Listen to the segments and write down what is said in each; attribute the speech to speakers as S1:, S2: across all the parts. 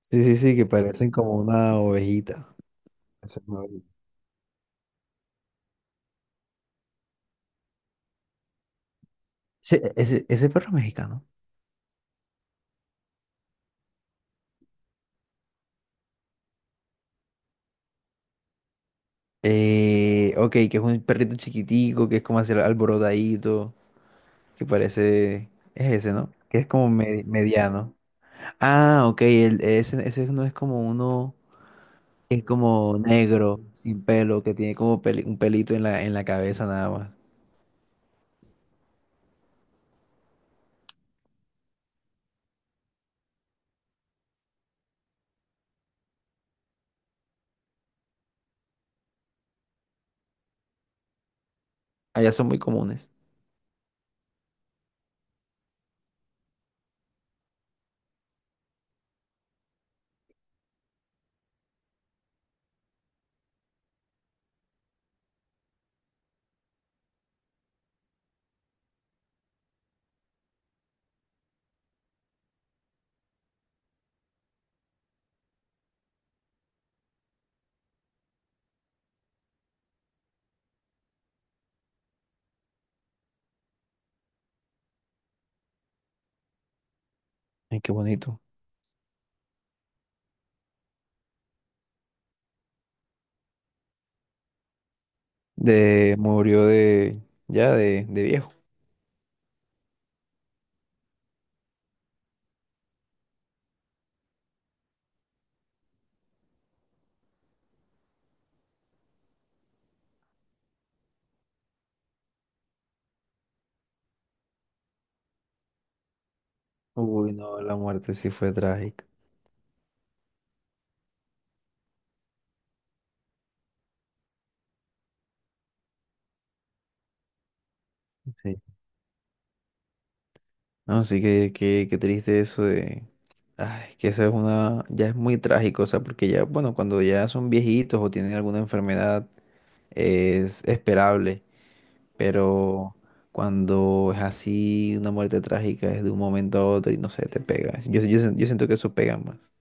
S1: Sí, sí, sí, que parecen como una ovejita. Esa es una ovejita. Ese perro mexicano. Ok, que es un perrito chiquitico, que es como así alborotadito, que parece. Es ese, ¿no? Que es como mediano. Ah, ok, ese no es como uno que es como negro, sin pelo, que tiene como un pelito en la cabeza nada más. Allá son muy comunes. Ay, qué bonito. Murió de, ya de viejo. Uy, no, la muerte sí fue trágica. Sí. No, sí que, que triste eso de. Ay, que esa es una. Ya es muy trágico, o sea, porque ya, bueno, cuando ya son viejitos o tienen alguna enfermedad es esperable, pero cuando es así, una muerte trágica es de un momento a otro y no sé, te pega. Yo siento que eso pega más.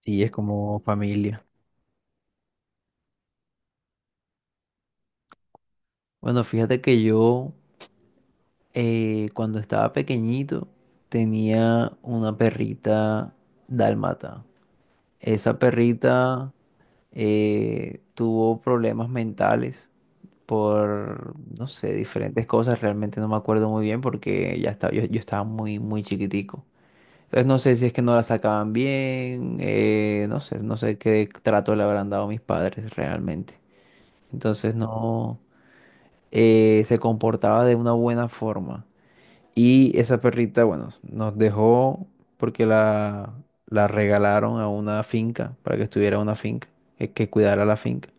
S1: Sí, es como familia. Bueno, fíjate que yo, cuando estaba pequeñito, tenía una perrita dálmata. Esa perrita, tuvo problemas mentales por, no sé, diferentes cosas. Realmente no me acuerdo muy bien porque ya estaba, yo estaba muy, muy chiquitico. Entonces no sé si es que no la sacaban bien, no sé, no sé qué trato le habrán dado mis padres realmente. Entonces no se comportaba de una buena forma. Y esa perrita, bueno, nos dejó porque la regalaron a una finca, para que estuviera en una finca, que cuidara la finca.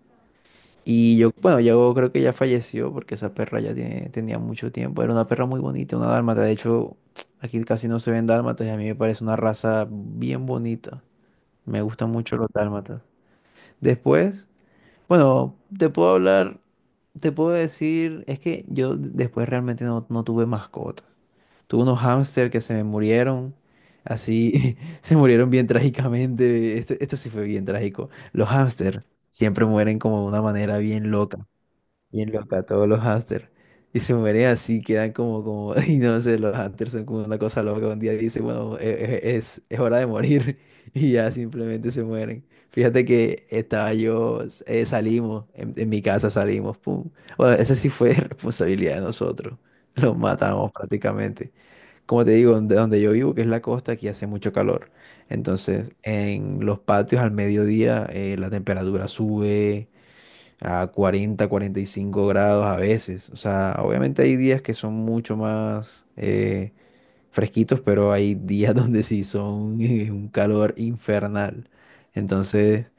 S1: Y yo, bueno, yo creo que ya falleció porque esa perra ya tenía mucho tiempo. Era una perra muy bonita, una dálmata. De hecho, aquí casi no se ven dálmatas y a mí me parece una raza bien bonita. Me gustan mucho los dálmatas. Después, bueno, te puedo hablar, te puedo decir, es que yo después realmente no tuve mascotas. Tuve unos hámster que se me murieron, así, se murieron bien trágicamente. Esto sí fue bien trágico. Los hámster siempre mueren como de una manera bien loca. Bien loca, todos los hámsters. Y se mueren así, quedan y no sé, los hámsters son como una cosa loca. Un día dice, bueno, es hora de morir. Y ya simplemente se mueren. Fíjate que estaba yo, salimos, en mi casa salimos, pum. Bueno, esa sí fue responsabilidad de nosotros. Los matamos prácticamente. Como te digo, donde yo vivo, que es la costa, aquí hace mucho calor. Entonces, en los patios al mediodía, la temperatura sube a 40-45 grados a veces. O sea, obviamente hay días que son mucho más fresquitos, pero hay días donde sí son, un calor infernal. Entonces,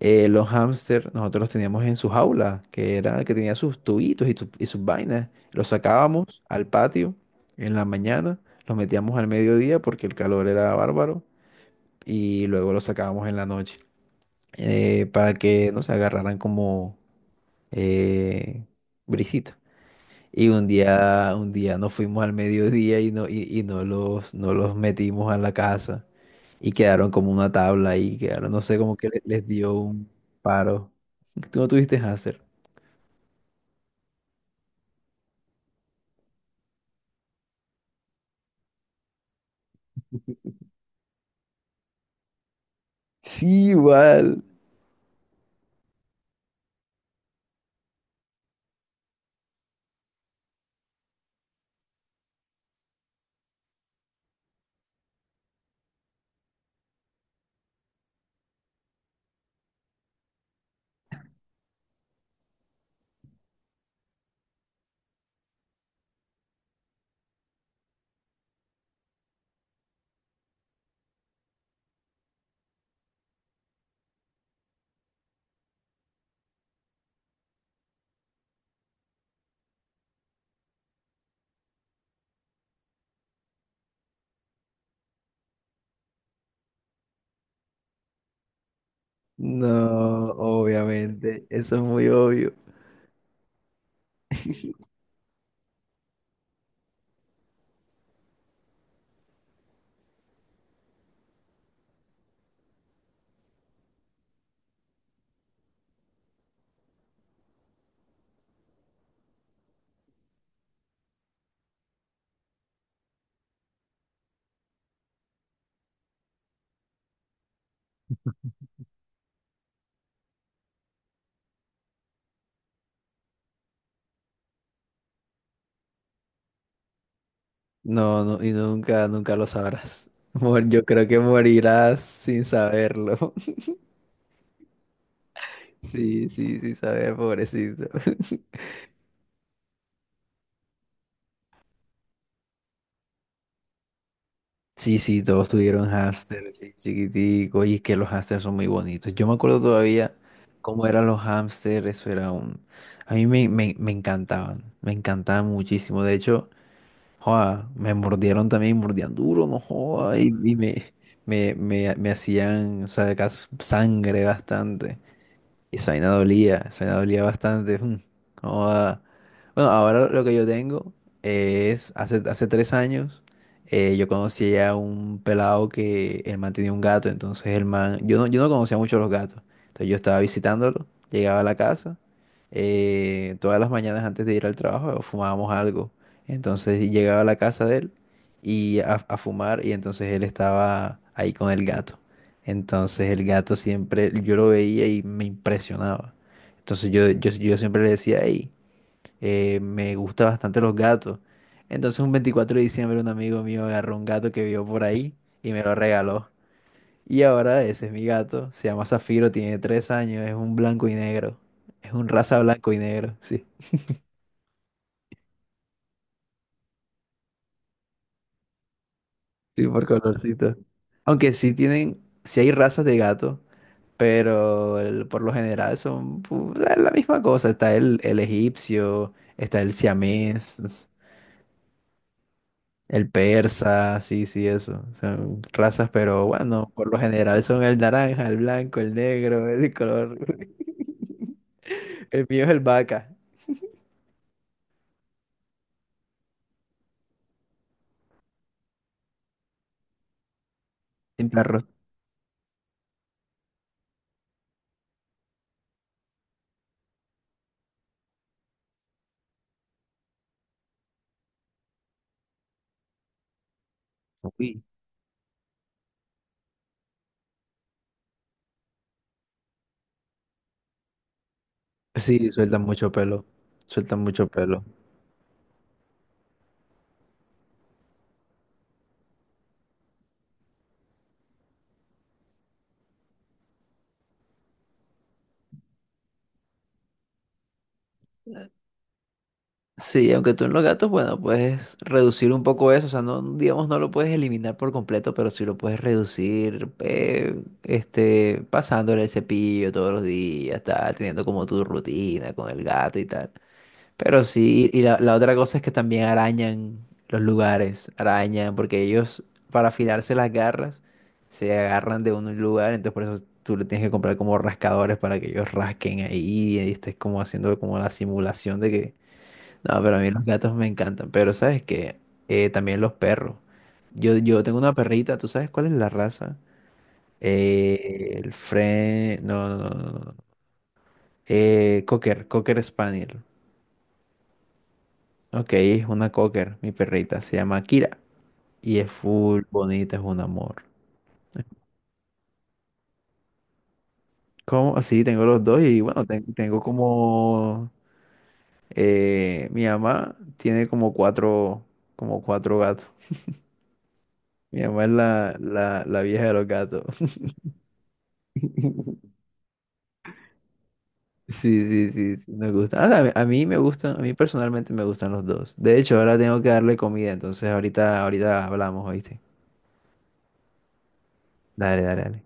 S1: los hámster nosotros los teníamos en su jaula, que era que tenía sus tubitos y, y sus vainas. Los sacábamos al patio en la mañana, los metíamos al mediodía porque el calor era bárbaro y luego los sacábamos en la noche, para que no se agarraran como, eh, brisita. Y un día nos fuimos al mediodía y no los, no los metimos a la casa. Y quedaron como una tabla y quedaron, no sé, como que les dio un paro. ¿Tú no tuviste hacer? Sí, igual. No, obviamente. Eso es muy obvio. No, no, y nunca, nunca lo sabrás. Yo creo que morirás sin saberlo. Sí, sí, sin saber, pobrecito. Sí, sí, todos tuvieron hámsters, sí, chiquitico, y es que los hámsters son muy bonitos. Yo me acuerdo todavía cómo eran los hámsters, eso era un. A mí me encantaban, me encantaban muchísimo. De hecho, joa, me mordieron también, mordían duro, no joda, me hacían, o sea, sangre bastante. Y esa vaina dolía bastante. Cómo va. Bueno, ahora lo que yo tengo es, hace 3 años, yo conocí a un pelado que el man tenía un gato, entonces el man, yo no conocía mucho los gatos, entonces yo estaba visitándolo, llegaba a la casa, todas las mañanas antes de ir al trabajo, fumábamos algo, entonces llegaba a la casa de él y a fumar y entonces él estaba ahí con el gato. Entonces el gato siempre, yo lo veía y me impresionaba. Entonces yo siempre le decía, hey, me gustan bastante los gatos. Entonces un 24 de diciembre un amigo mío agarró un gato que vio por ahí y me lo regaló. Y ahora ese es mi gato, se llama Zafiro, tiene 3 años, es un blanco y negro. Es un raza blanco y negro, sí. Sí, por colorcito. Aunque sí tienen, sí hay razas de gato, pero por lo general son la misma cosa. Está el egipcio, está el siamés, el persa, sí, sí, eso. Son razas, pero bueno, por lo general son el naranja, el blanco, el negro, el color. El mío es el vaca, sin perro. Uy. Sí, sueltan mucho pelo, sueltan mucho pelo. Sí, aunque tú en los gatos, bueno, puedes reducir un poco eso, o sea, no, digamos, no lo puedes eliminar por completo, pero sí lo puedes reducir, pasándole el cepillo todos los días, tal, teniendo como tu rutina con el gato y tal. Pero sí, y la otra cosa es que también arañan los lugares, arañan, porque ellos para afilarse las garras se agarran de un lugar, entonces por eso tú le tienes que comprar como rascadores para que ellos rasquen ahí y estés como haciendo como la simulación de que no, pero a mí los gatos me encantan. Pero sabes que también los perros. Yo tengo una perrita, ¿tú sabes cuál es la raza? El Fren. No, no, no, no, no. Cocker Spaniel. Ok, es una Cocker, mi perrita. Se llama Kira. Y es full bonita, es un amor. ¿Cómo? Así tengo los dos y bueno, tengo como. Mi mamá tiene como cuatro gatos. Mi mamá es la vieja de los gatos. Sí, sí, sí, sí, me gusta. Ah, a mí me gustan, a mí personalmente me gustan los dos. De hecho, ahora tengo que darle comida, entonces ahorita hablamos, ¿oíste? Dale, dale, dale.